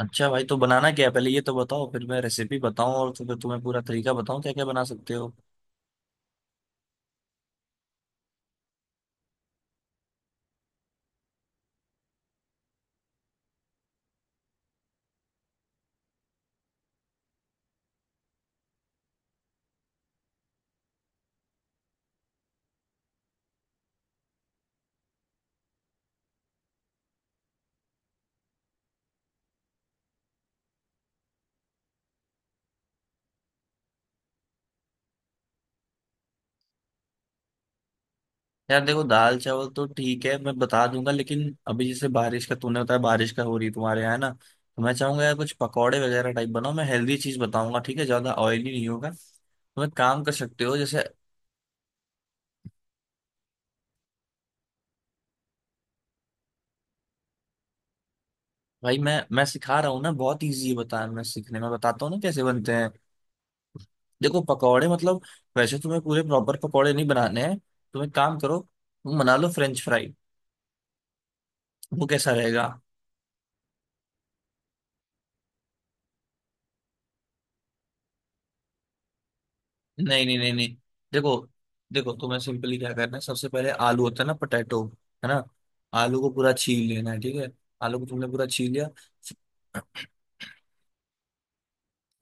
अच्छा भाई, तो बनाना क्या है पहले ये तो बताओ, फिर मैं रेसिपी बताऊं। और तो फिर तुम्हें पूरा तरीका बताऊं क्या क्या बना सकते हो। यार देखो, दाल चावल तो ठीक है, मैं बता दूंगा, लेकिन अभी जैसे बारिश का तूने बताया, बारिश का हो रही है तुम्हारे यहाँ है ना। तो मैं चाहूंगा यार कुछ पकौड़े वगैरह टाइप बनाओ। मैं हेल्दी चीज बताऊंगा, ठीक है, ज्यादा ऑयली नहीं होगा। तुम एक काम कर सकते हो जैसे। भाई मैं सिखा रहा हूँ ना, बहुत ईजी है। बता, मैं सीखने में बताता हूँ ना कैसे बनते हैं। देखो, पकौड़े मतलब वैसे तुम्हें पूरे प्रॉपर पकौड़े नहीं बनाने हैं। तुम एक काम करो, तुम बना लो फ्रेंच फ्राई। वो कैसा रहेगा। नहीं नहीं नहीं नहीं। देखो, देखो तुम्हें सिंपली क्या करना है, सबसे पहले आलू होता है ना, पोटैटो, है ना। आलू को पूरा छील लेना है, ठीक है। आलू को तुमने पूरा छील लिया।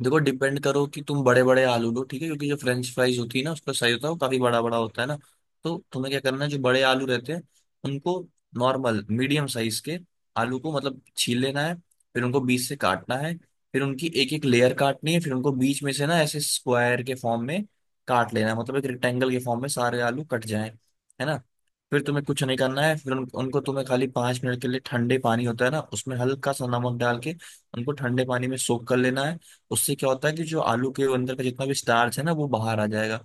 देखो, डिपेंड करो कि तुम बड़े बड़े आलू लो, ठीक है, क्योंकि जो फ्रेंच फ्राइज होती है ना उसका साइज होता है वो काफी बड़ा बड़ा होता है ना। तो तुम्हें क्या करना है, जो बड़े आलू रहते हैं उनको, नॉर्मल मीडियम साइज के आलू को मतलब छील लेना है। फिर उनको बीच से काटना है। फिर उनकी एक एक लेयर काटनी है, फिर उनको बीच में से ना ऐसे स्क्वायर के फॉर्म में काट लेना है, मतलब एक रेक्टेंगल के फॉर्म में सारे आलू कट जाए, है ना। फिर तुम्हें कुछ नहीं करना है, फिर उनको तुम्हें खाली पांच मिनट के लिए ठंडे पानी होता है ना उसमें हल्का सा नमक डाल के उनको ठंडे पानी में सोक कर लेना है। उससे क्या होता है कि जो आलू के अंदर का जितना भी स्टार्च है ना वो बाहर आ जाएगा।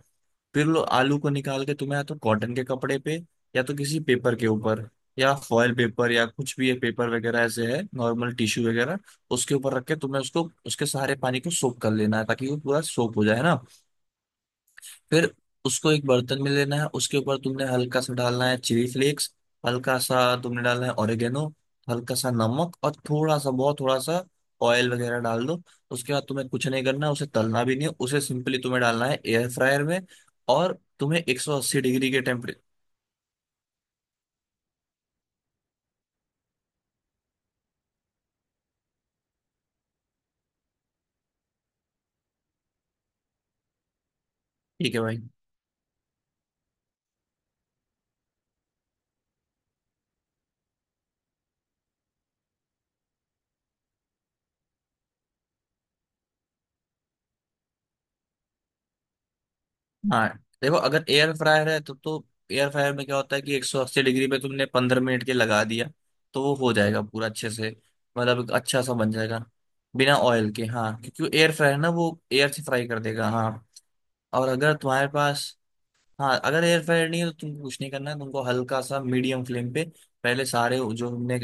फिर लो आलू को निकाल के तुम्हें या तो कॉटन के कपड़े पे, या तो किसी पेपर के ऊपर, या फॉयल पेपर, या कुछ भी ये पेपर वगैरह ऐसे है, नॉर्मल टिश्यू वगैरह, उसके ऊपर रख के तुम्हें उसको उसके सारे पानी को सोक कर लेना है ताकि वो पूरा सोक हो जाए ना। फिर उसको एक बर्तन में लेना है, उसके ऊपर तुमने हल्का सा डालना है चिली फ्लेक्स, हल्का सा तुमने डालना है ऑरिगेनो, हल्का सा नमक, और थोड़ा सा, बहुत थोड़ा सा ऑयल वगैरह डाल दो। उसके बाद तुम्हें कुछ नहीं करना है, उसे तलना भी नहीं है, उसे सिंपली तुम्हें डालना है एयर फ्रायर में। और तुम्हें 180 डिग्री के टेम्परेचर। ठीक है भाई। हाँ, देखो अगर एयर फ्रायर है तो एयर फ्रायर में क्या होता है कि 180 डिग्री पे तुमने 15 मिनट के लगा दिया, तो वो हो जाएगा पूरा अच्छे से। मतलब एक अच्छा सा बन जाएगा बिना ऑयल के। हाँ क्योंकि एयर फ्रायर ना वो एयर से फ्राई कर देगा, हाँ। और अगर तुम्हारे पास, हाँ अगर एयर फ्रायर नहीं है तो तुमको कुछ नहीं करना है, तुमको हल्का सा मीडियम फ्लेम पे, पहले सारे जो हमने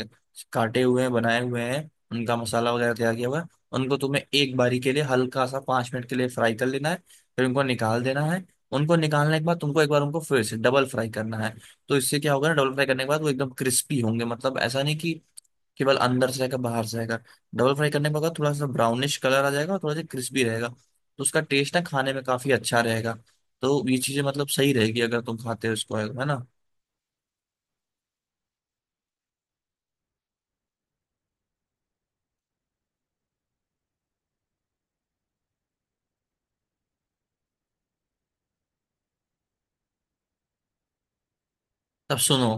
काटे हुए हैं, बनाए हुए हैं, उनका मसाला वगैरह तैयार किया हुआ है, उनको तुम्हें एक बारी के लिए हल्का सा पाँच मिनट के लिए फ्राई कर लेना है। फिर उनको निकाल देना है। उनको निकालने के बाद तुमको एक बार उनको फिर से डबल फ्राई करना है। तो इससे क्या होगा ना, डबल फ्राई करने के बाद वो एकदम क्रिस्पी होंगे, मतलब ऐसा नहीं कि केवल अंदर से रहेगा, बाहर से रहेगा। डबल फ्राई करने पर होगा थोड़ा सा ब्राउनिश कलर आ जाएगा और थोड़ा सा क्रिस्पी रहेगा, तो उसका टेस्ट ना खाने में काफी अच्छा रहेगा। तो ये चीजें मतलब सही रहेगी अगर तुम खाते हो इसको, है ना। तब सुनो,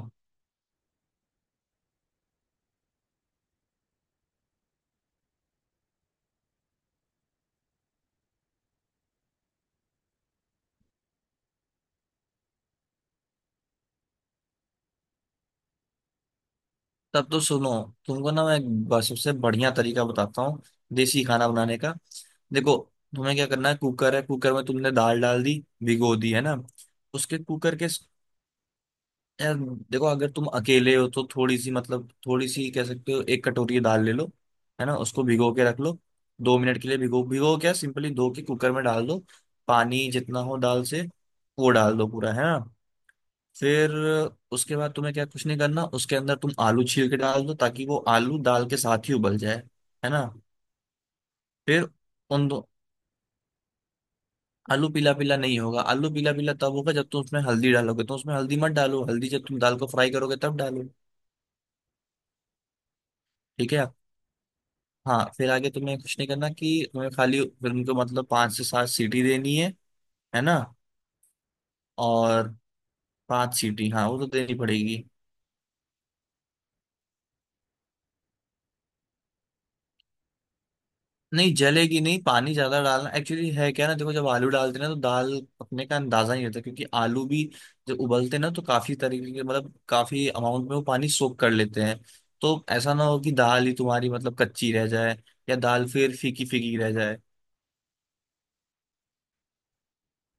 तब तो सुनो, तुमको ना मैं एक सबसे बढ़िया तरीका बताता हूँ, देसी खाना बनाने का। देखो, तुम्हें क्या करना है, कुकर है, कुकर में तुमने दाल डाल दी, भिगो दी है ना। उसके कुकर के, यार देखो अगर तुम अकेले हो तो थोड़ी सी, मतलब थोड़ी सी कह सकते हो, एक कटोरी दाल ले लो, है ना, उसको भिगो के रख लो। दो मिनट के लिए भिगो, भिगो क्या, सिंपली धो के कुकर में डाल दो। पानी जितना हो दाल से वो डाल दो पूरा, है ना। फिर उसके बाद तुम्हें क्या, कुछ नहीं करना, उसके अंदर तुम आलू छील के डाल दो ताकि वो आलू दाल के साथ ही उबल जाए, है ना। फिर उन दो, आलू पीला पीला नहीं होगा, आलू पीला पीला तब होगा जब तुम उसमें हल्दी डालोगे, तो उसमें हल्दी मत डालो, हल्दी जब तुम दाल को फ्राई करोगे तब डालो। ठीक है। हाँ फिर आगे तुम्हें कुछ नहीं करना कि तुम्हें खाली फिल्म को मतलब पांच से सात सीटी देनी है ना। और पांच सीटी, हाँ वो तो देनी पड़ेगी। नहीं जलेगी, नहीं, पानी ज्यादा डालना एक्चुअली है, क्या ना, देखो जब आलू डालते हैं ना तो दाल पकने का अंदाजा ही नहीं होता, क्योंकि आलू भी जब उबलते हैं ना तो काफी तरीके के मतलब काफी अमाउंट में वो पानी सोख कर लेते हैं। तो ऐसा ना हो कि दाल ही तुम्हारी मतलब कच्ची रह जाए या दाल फिर फीकी फीकी रह जाए।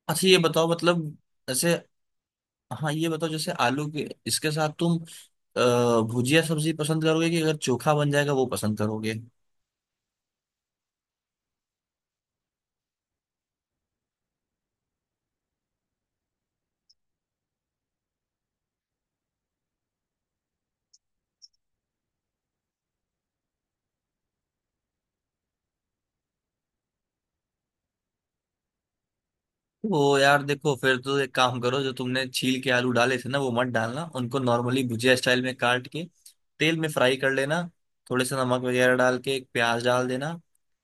अच्छा ये बताओ, मतलब ऐसे, हाँ ये बताओ, जैसे आलू के इसके साथ तुम भुजिया सब्जी पसंद करोगे कि अगर चोखा बन जाएगा वो पसंद करोगे। वो यार देखो, फिर तो एक काम करो, जो तुमने छील के आलू डाले थे ना वो मत डालना, उनको नॉर्मली भुजिया स्टाइल में काट के तेल में फ्राई कर लेना। थोड़े से नमक वगैरह डाल के, एक प्याज डाल देना,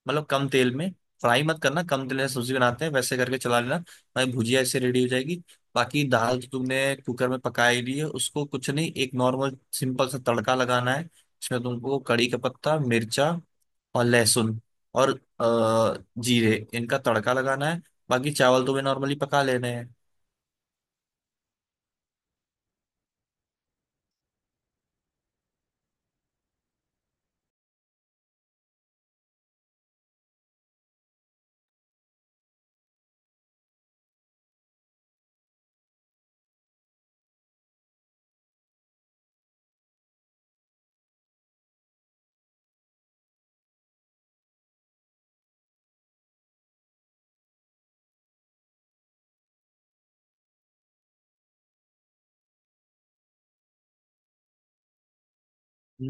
मतलब कम तेल में फ्राई मत करना, कम तेल में सब्जी बनाते हैं वैसे करके चला लेना। भाई भुजिया इससे रेडी हो जाएगी। बाकी दाल जो तुमने कुकर में पका ही ली है उसको कुछ नहीं, एक नॉर्मल सिंपल सा तड़का लगाना है। इसमें तुमको कड़ी का पत्ता, मिर्चा और लहसुन और जीरे, इनका तड़का लगाना है। बाकी चावल तो वे नॉर्मली पका ले रहे हैं।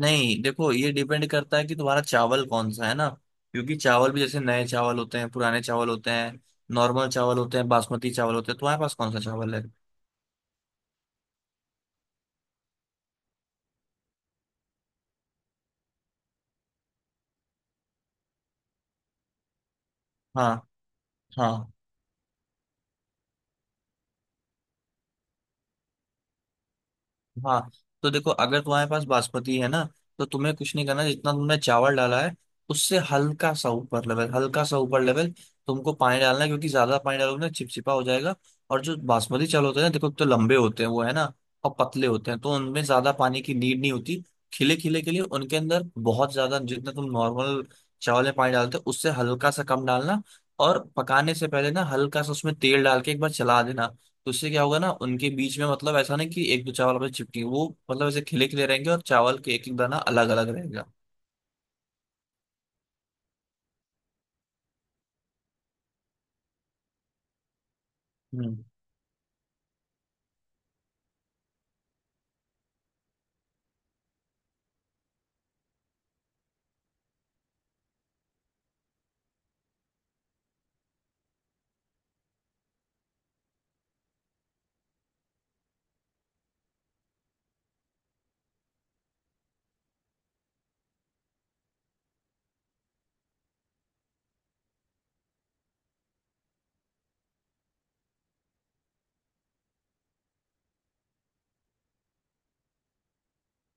नहीं देखो, ये डिपेंड करता है कि तुम्हारा चावल कौन सा है ना, क्योंकि चावल भी जैसे नए चावल होते हैं, पुराने चावल होते हैं, नॉर्मल चावल होते हैं, बासमती चावल होते हैं, तुम्हारे पास कौन सा चावल है। हाँ। हाँ। हाँ। तो देखो अगर तुम्हारे पास बासमती है ना तो तुम्हें कुछ नहीं करना, जितना तुमने चावल डाला है उससे हल्का सा ऊपर लेवल, हल्का सा ऊपर लेवल तुमको पानी डालना है, क्योंकि ज्यादा पानी डालोगे ना चिपचिपा हो जाएगा। और जो बासमती चावल होते हैं ना, देखो तो लंबे होते हैं वो, है ना, और पतले होते हैं, तो उनमें ज्यादा पानी की नीड नहीं होती खिले खिले के लिए, उनके अंदर बहुत ज्यादा जितना तुम नॉर्मल चावल में पानी डालते हो उससे हल्का सा कम डालना। और पकाने से पहले ना हल्का सा उसमें तेल डाल के एक बार चला देना, तो उससे क्या होगा ना उनके बीच में मतलब ऐसा नहीं कि एक दो चावल आपस में चिपकेंगे, वो मतलब ऐसे खिले खिले रहेंगे और चावल के एक एक दाना अलग अलग रहेगा। हम्म।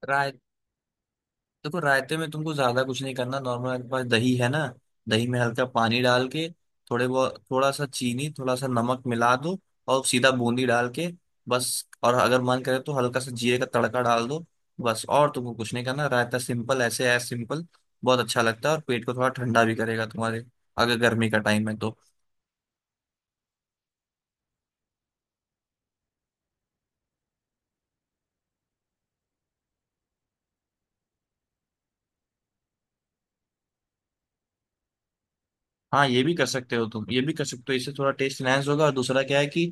राय देखो रायते में तुमको ज्यादा कुछ नहीं करना, नॉर्मल आपके पास दही है ना, दही में हल्का पानी डाल के थोड़े बहुत, थोड़ा सा चीनी, थोड़ा सा नमक मिला दो और सीधा बूंदी डाल के बस। और अगर मन करे तो हल्का सा जीरे का तड़का डाल दो, बस और तुमको कुछ नहीं करना। रायता सिंपल ऐसे है, सिंपल, बहुत अच्छा लगता है और पेट को थोड़ा ठंडा भी करेगा तुम्हारे, अगर गर्मी का टाइम है तो। हाँ ये भी कर सकते हो, तुम ये भी कर सकते हो, इससे थोड़ा टेस्ट इनहेंस होगा, और दूसरा क्या है कि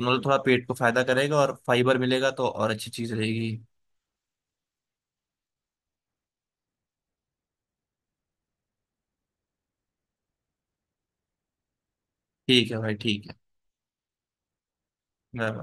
मतलब थोड़ा पेट को फायदा करेगा और फाइबर मिलेगा, तो और अच्छी चीज रहेगी। ठीक है भाई, ठीक है। Bye bye.